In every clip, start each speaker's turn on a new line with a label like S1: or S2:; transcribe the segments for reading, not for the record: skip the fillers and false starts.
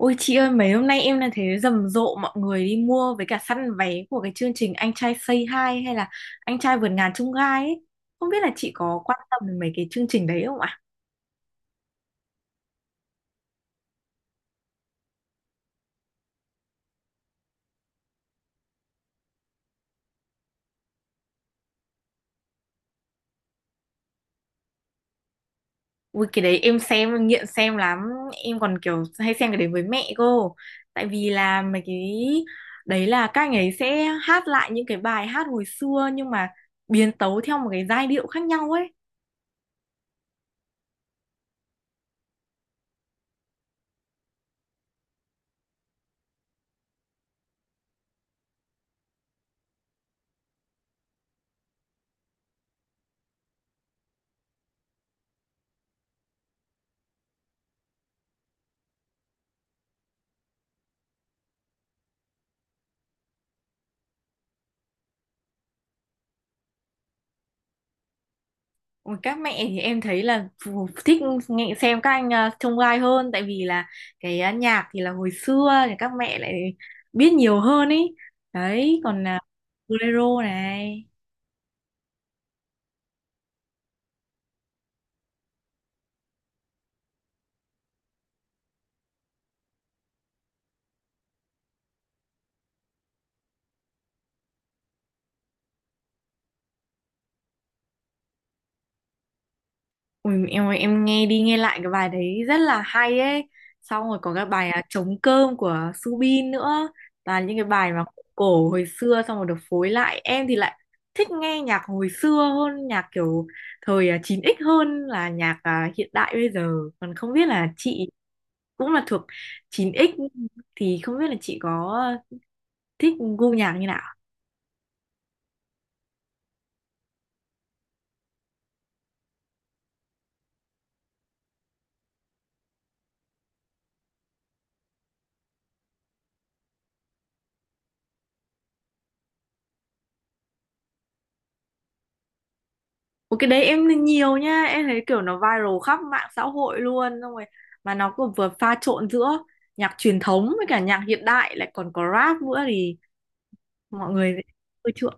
S1: Ôi chị ơi, mấy hôm nay em là thấy rầm rộ mọi người đi mua với cả săn vé của cái chương trình Anh trai Say Hi hay là Anh trai vượt ngàn chông gai ấy. Không biết là chị có quan tâm đến mấy cái chương trình đấy không ạ? Ui cái đấy em xem em nghiện xem lắm, em còn kiểu hay xem cái đấy với mẹ cô. Tại vì là mấy cái đấy là các anh ấy sẽ hát lại những cái bài hát hồi xưa nhưng mà biến tấu theo một cái giai điệu khác nhau ấy. Ôi, các mẹ thì em thấy là thích nghe xem các anh trông gai hơn tại vì là cái nhạc thì là hồi xưa thì các mẹ lại biết nhiều hơn ý, đấy còn là bolero này. Ui, em ơi, em nghe đi nghe lại cái bài đấy rất là hay ấy. Xong rồi có cái bài Trống cơm của Subin nữa. Toàn những cái bài mà cổ hồi xưa xong rồi được phối lại. Em thì lại thích nghe nhạc hồi xưa hơn nhạc kiểu thời 9X, hơn là nhạc hiện đại bây giờ. Còn không biết là chị cũng là thuộc chín x thì không biết là chị có thích gu nhạc như nào? Một cái đấy em nhìn nhiều nha. Em thấy kiểu nó viral khắp mạng xã hội luôn. Xong rồi mà nó cũng vừa pha trộn giữa nhạc truyền thống với cả nhạc hiện đại, lại còn có rap nữa thì mọi người ưa chuộng.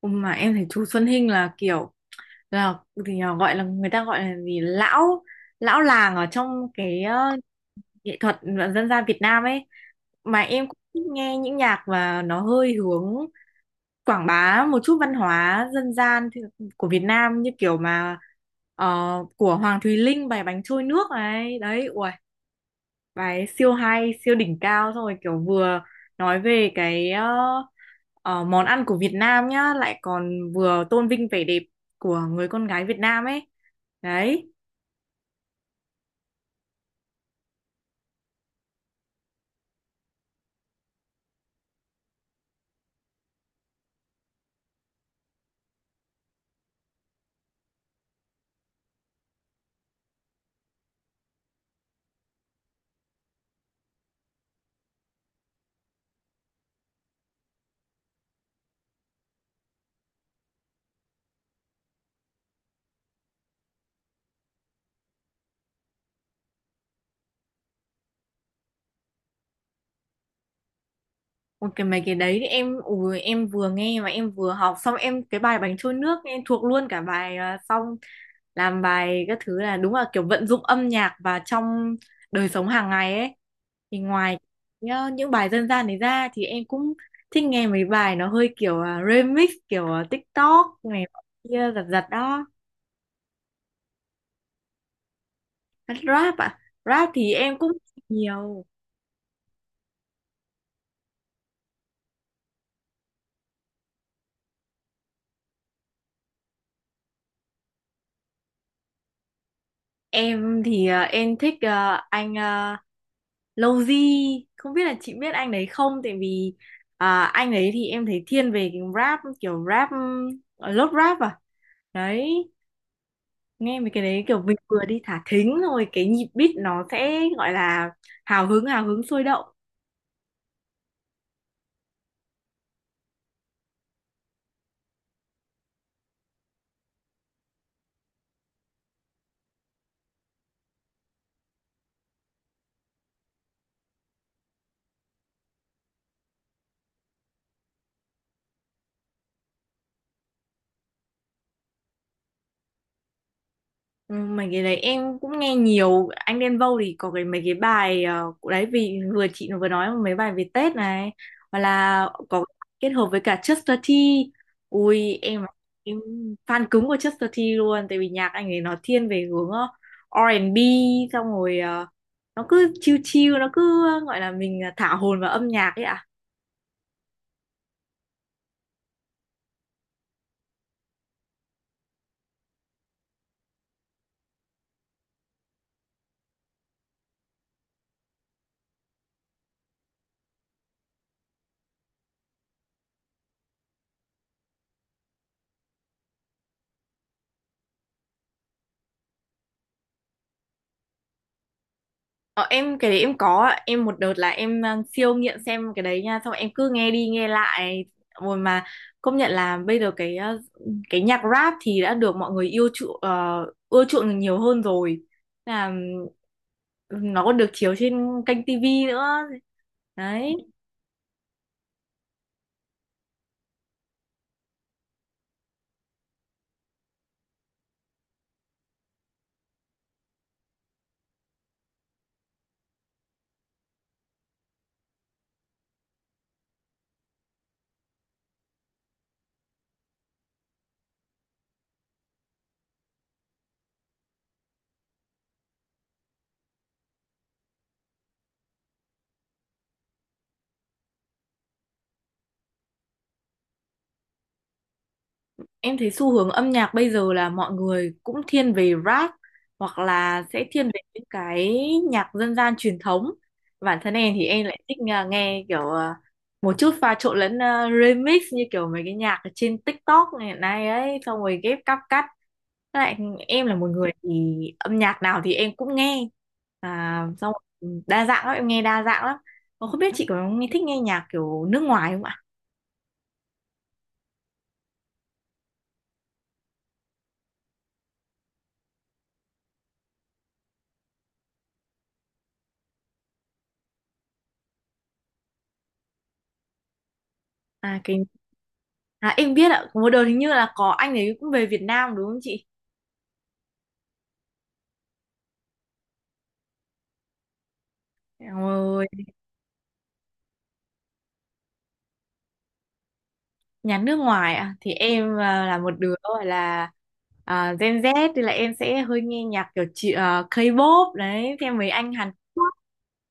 S1: Ừ, mà em thấy chú Xuân Hinh là kiểu là thì là gọi là người ta gọi là gì, lão lão làng ở trong cái nghệ thuật dân gian Việt Nam ấy, mà em cũng thích nghe những nhạc và nó hơi hướng quảng bá một chút văn hóa dân gian của Việt Nam như kiểu mà của Hoàng Thùy Linh bài bánh trôi nước này đấy. Ui, bài ấy siêu hay siêu đỉnh cao, xong rồi kiểu vừa nói về cái món ăn của Việt Nam nhá, lại còn vừa tôn vinh vẻ đẹp của người con gái Việt Nam ấy đấy. Ôi, cái mấy cái đấy thì em ui, em vừa nghe mà em vừa học xong em cái bài bánh trôi nước em thuộc luôn cả bài xong làm bài các thứ là đúng là kiểu vận dụng âm nhạc vào trong đời sống hàng ngày ấy, thì ngoài nhá, những bài dân gian đấy ra thì em cũng thích nghe mấy bài nó hơi kiểu remix kiểu TikTok này kia giật giật đó. Rap à? Rap thì em cũng nhiều. Em thì em thích anh Lowzy, không biết là chị biết anh đấy không, tại vì anh ấy thì em thấy thiên về cái rap kiểu rap lốt rap à, đấy, nghe mấy cái đấy kiểu mình vừa đi thả thính rồi cái nhịp beat nó sẽ gọi là hào hứng sôi động. Ừ, mấy cái đấy em cũng nghe nhiều. Anh Đen Vâu thì có cái mấy cái bài đấy vì vừa chị vừa nói mấy bài về Tết này, hoặc là có kết hợp với cả Chester T. Ui em fan cứng của Chester T luôn, tại vì nhạc anh ấy nó thiên về hướng R&B, xong rồi nó cứ chill chill, nó cứ gọi là mình thả hồn vào âm nhạc ấy ạ. Ờ, em cái đấy em có ạ. Em một đợt là em siêu nghiện xem cái đấy nha, xong em cứ nghe đi nghe lại rồi, mà công nhận là bây giờ cái cái nhạc rap thì đã được mọi người yêu chuộng ưa chuộng nhiều hơn rồi, là nó còn được chiếu trên kênh tivi nữa đấy. Em thấy xu hướng âm nhạc bây giờ là mọi người cũng thiên về rap hoặc là sẽ thiên về những cái nhạc dân gian truyền thống. Bản thân em thì em lại thích nghe kiểu một chút pha trộn lẫn remix như kiểu mấy cái nhạc ở trên TikTok hiện nay ấy, xong rồi ghép cắt. Với lại em là một người thì âm nhạc nào thì em cũng nghe. À, xong rồi đa dạng lắm, em nghe đa dạng lắm. Mà không biết chị có thích nghe nhạc kiểu nước ngoài không ạ? À, cái à, em biết ạ, có một đợt hình như là có anh ấy cũng về Việt Nam đúng không chị? Rồi, nhà nước ngoài ạ, thì em là một đứa gọi là Gen Z thì là em sẽ hơi nghe nhạc kiểu chị K-pop đấy, theo mấy anh Hàn Quốc.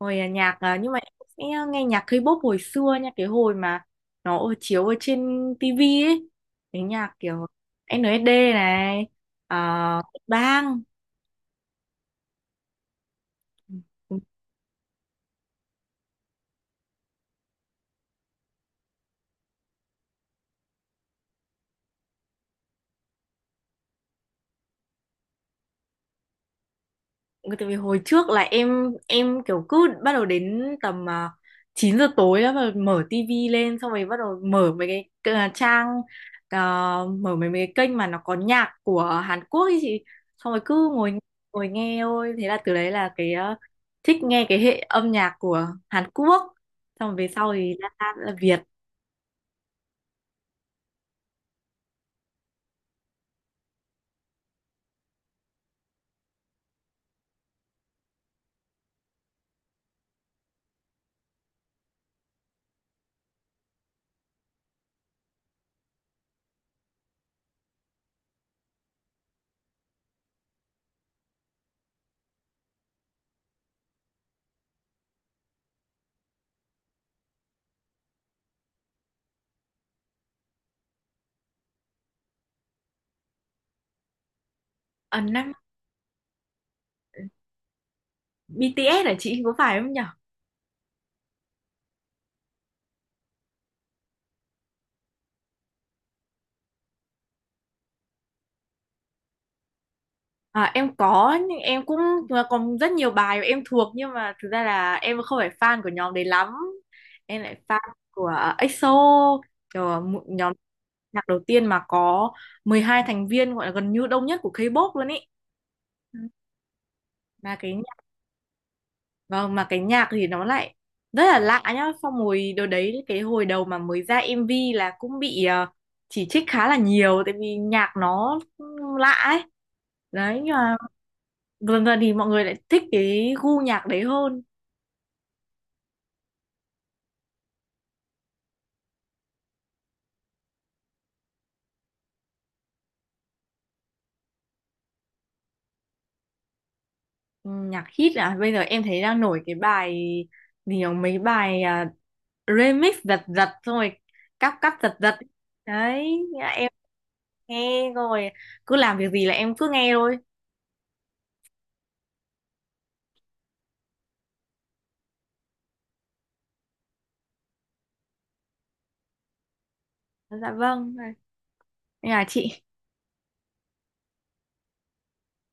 S1: Hồi nhạc à, nhưng mà em sẽ nghe nhạc K-pop hồi xưa nha, cái hồi mà nó chiếu ở trên TV ấy. Cái nhạc kiểu NSD này, Bang, ừ, tại vì hồi trước là em kiểu cứ bắt đầu đến tầm 9 giờ tối đó mà mở tivi lên, xong rồi bắt đầu mở mấy cái trang à, mở mấy mấy cái kênh mà nó có nhạc của Hàn Quốc ấy chị, xong rồi cứ ngồi ngồi nghe thôi, thế là từ đấy là cái thích nghe cái hệ âm nhạc của Hàn Quốc, xong rồi về sau thì là Việt à, năm BTS hả chị, có phải không nhỉ? À, em có, nhưng em cũng còn rất nhiều bài mà em thuộc, nhưng mà thực ra là em không phải fan của nhóm đấy lắm, em lại fan của EXO, kiểu một nhóm nhạc đầu tiên mà có 12 thành viên, gọi là gần như đông nhất của K-pop luôn ý. Ừ, mà cái nhạc vâng, mà cái nhạc thì nó lại rất là lạ nhá, xong rồi đợt đấy cái hồi đầu mà mới ra MV là cũng bị chỉ trích khá là nhiều, tại vì nhạc nó lạ ấy đấy, nhưng mà gần gần thì mọi người lại thích cái gu nhạc đấy hơn. Ừ, nhạc hit à, bây giờ em thấy đang nổi cái bài gì nhỉ? Mấy bài remix giật giật xong rồi cắp cắp giật giật đấy, thế là em nghe rồi cứ làm việc gì là em cứ nghe thôi. Dạ vâng, nên là chị